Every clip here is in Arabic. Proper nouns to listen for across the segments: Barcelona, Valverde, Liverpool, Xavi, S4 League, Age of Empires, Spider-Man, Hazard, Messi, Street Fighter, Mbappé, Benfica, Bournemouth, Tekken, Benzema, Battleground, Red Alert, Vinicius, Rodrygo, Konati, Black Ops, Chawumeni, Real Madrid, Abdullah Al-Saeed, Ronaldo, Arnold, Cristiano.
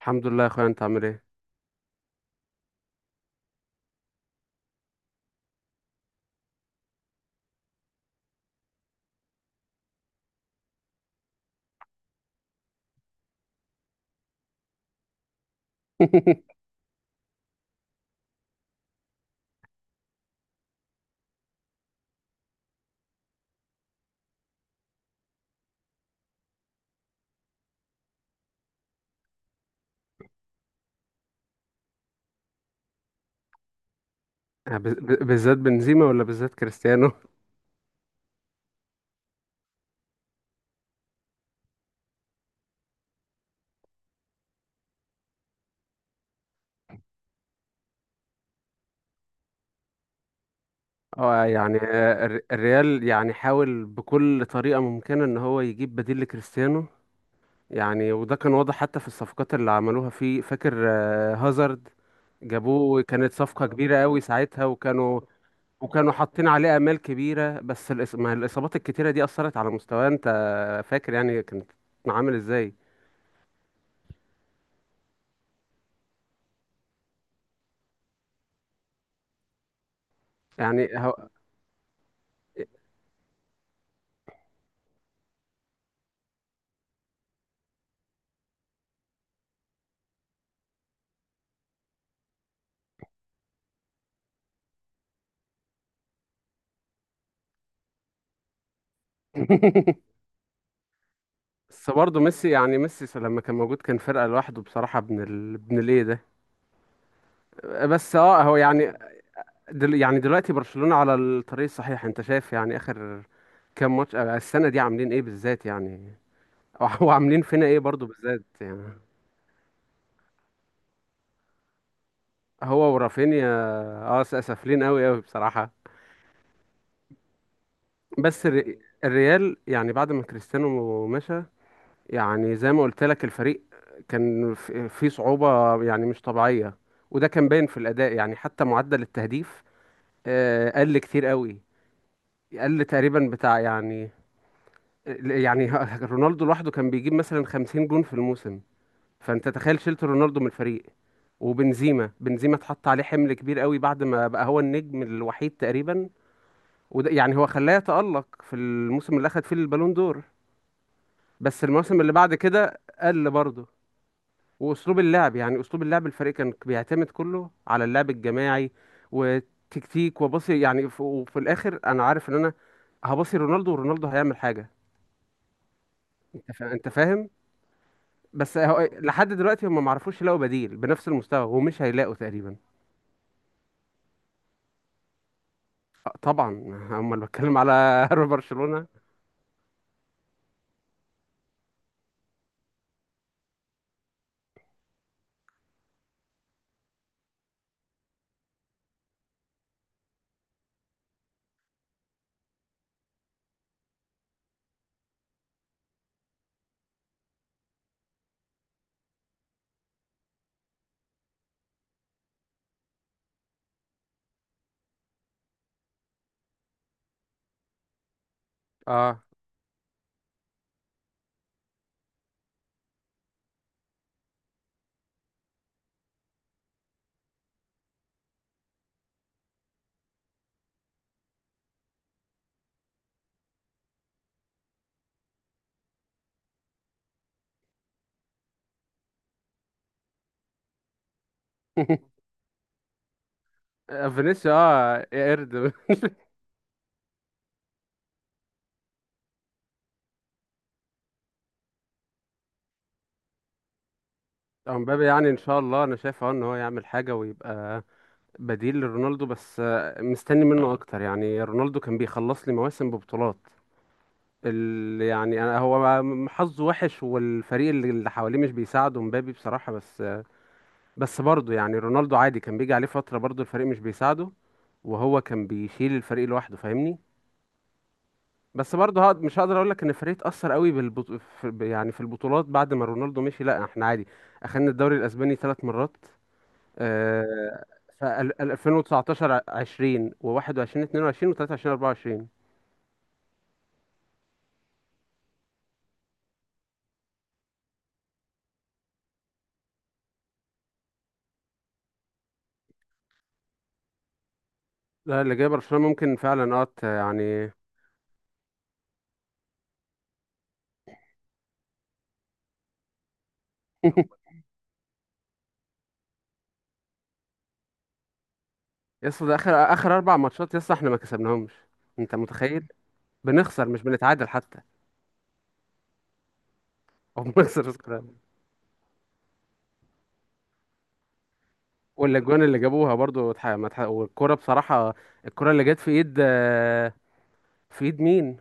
الحمد لله يا اخويا، انت عامل ايه؟ بالذات بنزيما ولا بالذات كريستيانو؟ الريال يعني حاول بكل طريقة ممكنة ان هو يجيب بديل لكريستيانو. يعني وده كان واضح حتى في الصفقات اللي عملوها، في فاكر هازارد؟ جابوه، كانت صفقة كبيرة قوي ساعتها، وكانوا حاطين عليه آمال كبيرة. بس الإص- ما الإصابات الكتيرة دي أثرت على مستواه. أنت فاكر يعني كانت عامل إزاي؟ يعني هو بس برضه ميسي، يعني ميسي لما كان موجود كان فرقة لوحده بصراحة، ابن ابن الايه ده. بس هو يعني يعني دلوقتي برشلونة على الطريق الصحيح. انت شايف يعني اخر كام ماتش السنة دي عاملين ايه بالذات يعني؟ وعاملين فينا ايه برضه بالذات يعني؟ هو ورافينيا سافلين قوي قوي بصراحة. بس الريال يعني بعد ما كريستيانو مشى، يعني زي ما قلت لك، الفريق كان في صعوبة يعني مش طبيعية. وده كان باين في الأداء، يعني حتى معدل التهديف قل كتير قوي، قل تقريبا بتاع يعني، يعني رونالدو لوحده كان بيجيب مثلا 50 جون في الموسم. فانت تخيل شلت رونالدو من الفريق، وبنزيما اتحط عليه حمل كبير قوي بعد ما بقى هو النجم الوحيد تقريبا. وده يعني هو خلاه يتألق في الموسم اللي اخد فيه البالون دور. بس الموسم اللي بعد كده قل برضه. واسلوب اللعب، يعني اسلوب اللعب الفريق كان بيعتمد كله على اللعب الجماعي وتكتيك، وبصي يعني وفي الاخر انا عارف ان انا هبصي رونالدو، ورونالدو هيعمل حاجه. انت فاهم. بس لحد دلوقتي هم ما عرفوش يلاقوا بديل بنفس المستوى، ومش هيلاقوا تقريبا. طبعا هم اللي بتكلم على برشلونه. اه فينيسيا اه قرد. امبابي يعني ان شاء الله انا شايف اه ان هو يعمل حاجه ويبقى بديل لرونالدو. بس مستني منه اه اكتر. يعني رونالدو كان بيخلص لي مواسم ببطولات. يعني أنا هو حظه وحش، والفريق اللي حواليه مش بيساعده مبابي بصراحة. بس برضه يعني رونالدو عادي كان بيجي عليه فترة برضه الفريق مش بيساعده، وهو كان بيشيل الفريق لوحده، فاهمني؟ بس برضه مش هقدر اقول لك ان الفريق اتأثر قوي يعني في البطولات بعد ما رونالدو مشي. لا احنا عادي، اخدنا الدوري الاسباني ثلاث مرات، آه، ف 2019 20 و21 22 و23 24. لا اللي جاي برشلونة ممكن فعلا اه يعني يسطا ده اخر اربع ماتشات يسطا احنا ما كسبناهمش. انت متخيل؟ بنخسر، مش بنتعادل حتى. او بنخسر سكراب. والاجوان اللي جابوها برضو اتح- ما اتح- والكرة بصراحة، الكرة اللي جت في ايد في ايد مين؟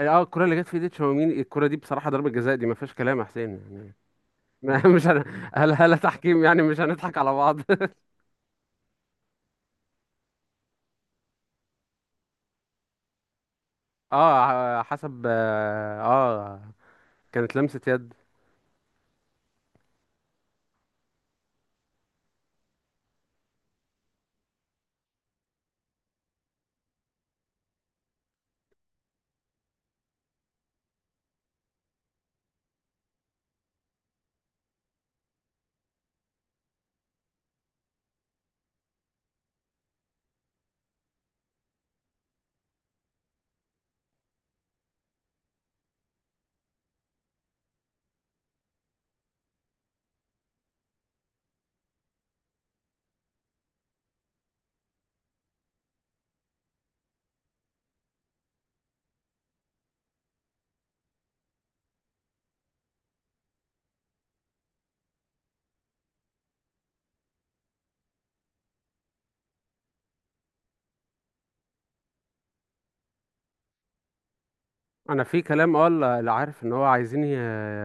اه الكرة اللي جت في ايد تشاوميني، الكرة دي بصراحة ضربة جزاء، دي ما فيهاش كلام يا حسين يعني ما- مش هن... هل تحكيم يعني؟ مش هنضحك على بعض. اه حسب اه كانت لمسة يد. انا في كلام اه اللي عارف ان هو عايزين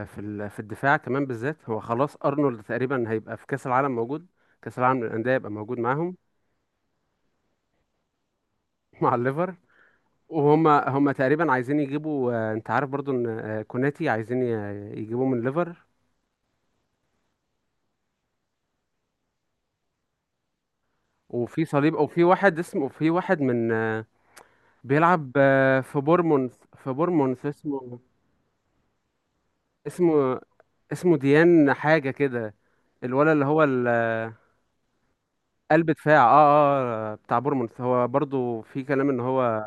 في في الدفاع كمان، بالذات هو خلاص ارنولد تقريبا هيبقى في كاس العالم موجود. كاس العالم للانديه هيبقى موجود معاهم مع الليفر. وهم تقريبا عايزين يجيبوا انت عارف برضو ان كوناتي عايزين يجيبوه من الليفر. وفي صليب، وفي واحد اسمه، في واحد من بيلعب في بورمونث، في بورمونث اسمه، اسمه اسمه ديان حاجة كده، الولد اللي هو قلب دفاع اه. اه بتاع بورموث هو برضو في كلام ان هو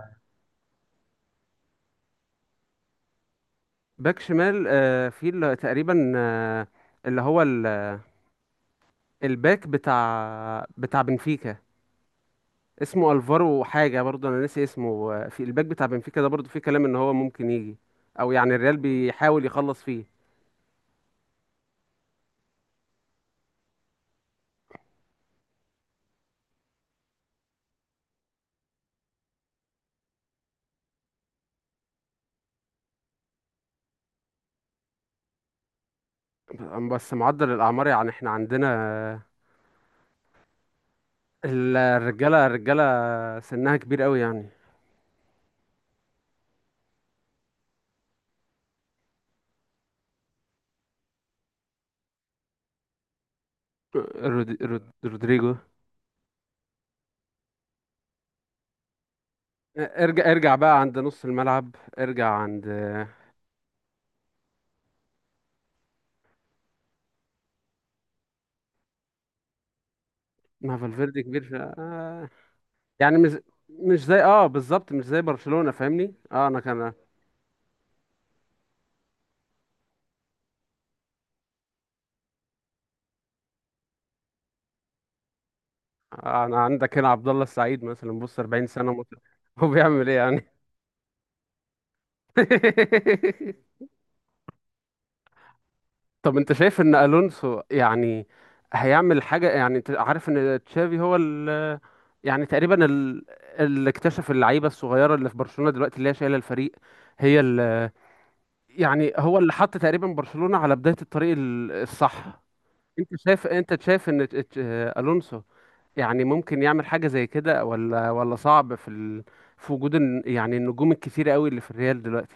باك شمال. في اللي تقريبا اللي هو الباك بتاع بنفيكا، اسمه الفارو حاجة، برضو انا ناسي اسمه. في الباك بتاع بنفيكا ده برضو في كلام ان هو ممكن يجي، او يعني الريال بيحاول يخلص فيه. بس معدل الاعمار يعني احنا عندنا آه، الرجالة سنها كبير قوي يعني. رودريجو. ارجع ارجع بقى عند نص الملعب، ارجع عند ما فالفيردي كبير ف... آه، يعني مش زي اه بالظبط مش زي برشلونة، فاهمني؟ اه انا كان، انا عندك هنا عبد الله السعيد مثلا، بص 40 سنة هو بيعمل ايه يعني؟ طب انت شايف ان الونسو يعني هيعمل حاجة؟ يعني انت عارف ان تشافي هو ال، يعني تقريبا اللي اكتشف اللعيبة الصغيرة اللي في برشلونة دلوقتي اللي هي شايلة الفريق، هي يعني هو اللي حط تقريبا برشلونة على بداية الطريق الصح. انت شايف ان الونسو يعني ممكن يعمل حاجة زي كده، ولا صعب في في وجود يعني النجوم الكتيرة قوي اللي في الريال دلوقتي؟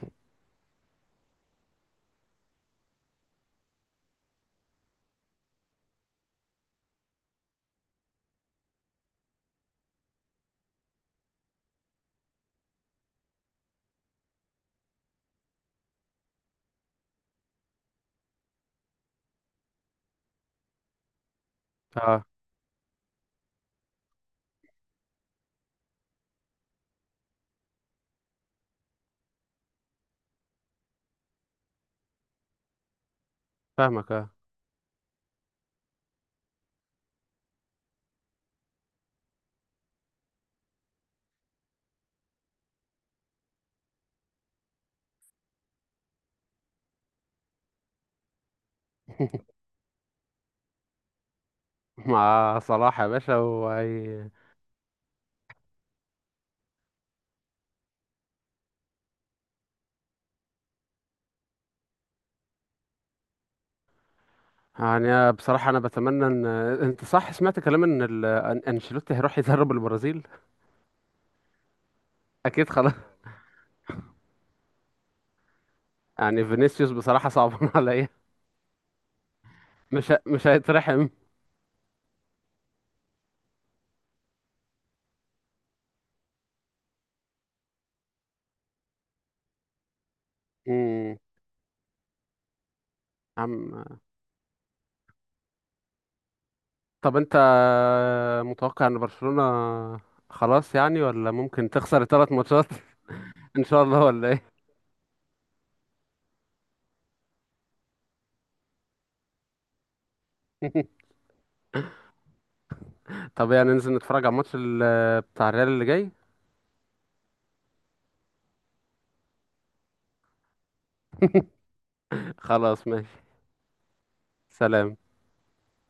اه فاهمك اه مع صلاح يا باشا وهي. يعني أنا بصراحة أنا بتمنى إن أنت صح، سمعت كلام إن أنشيلوتي هيروح يدرب البرازيل؟ أكيد خلاص. يعني فينيسيوس بصراحة صعبان عليا. مش هيترحم. امم عم، طب انت متوقع ان برشلونة خلاص يعني، ولا ممكن تخسر ثلاث ماتشات؟ ان شاء الله ولا ايه؟ طب يعني ننزل نتفرج على الماتش بتاع الريال اللي جاي؟ خلاص ماشي. سلام.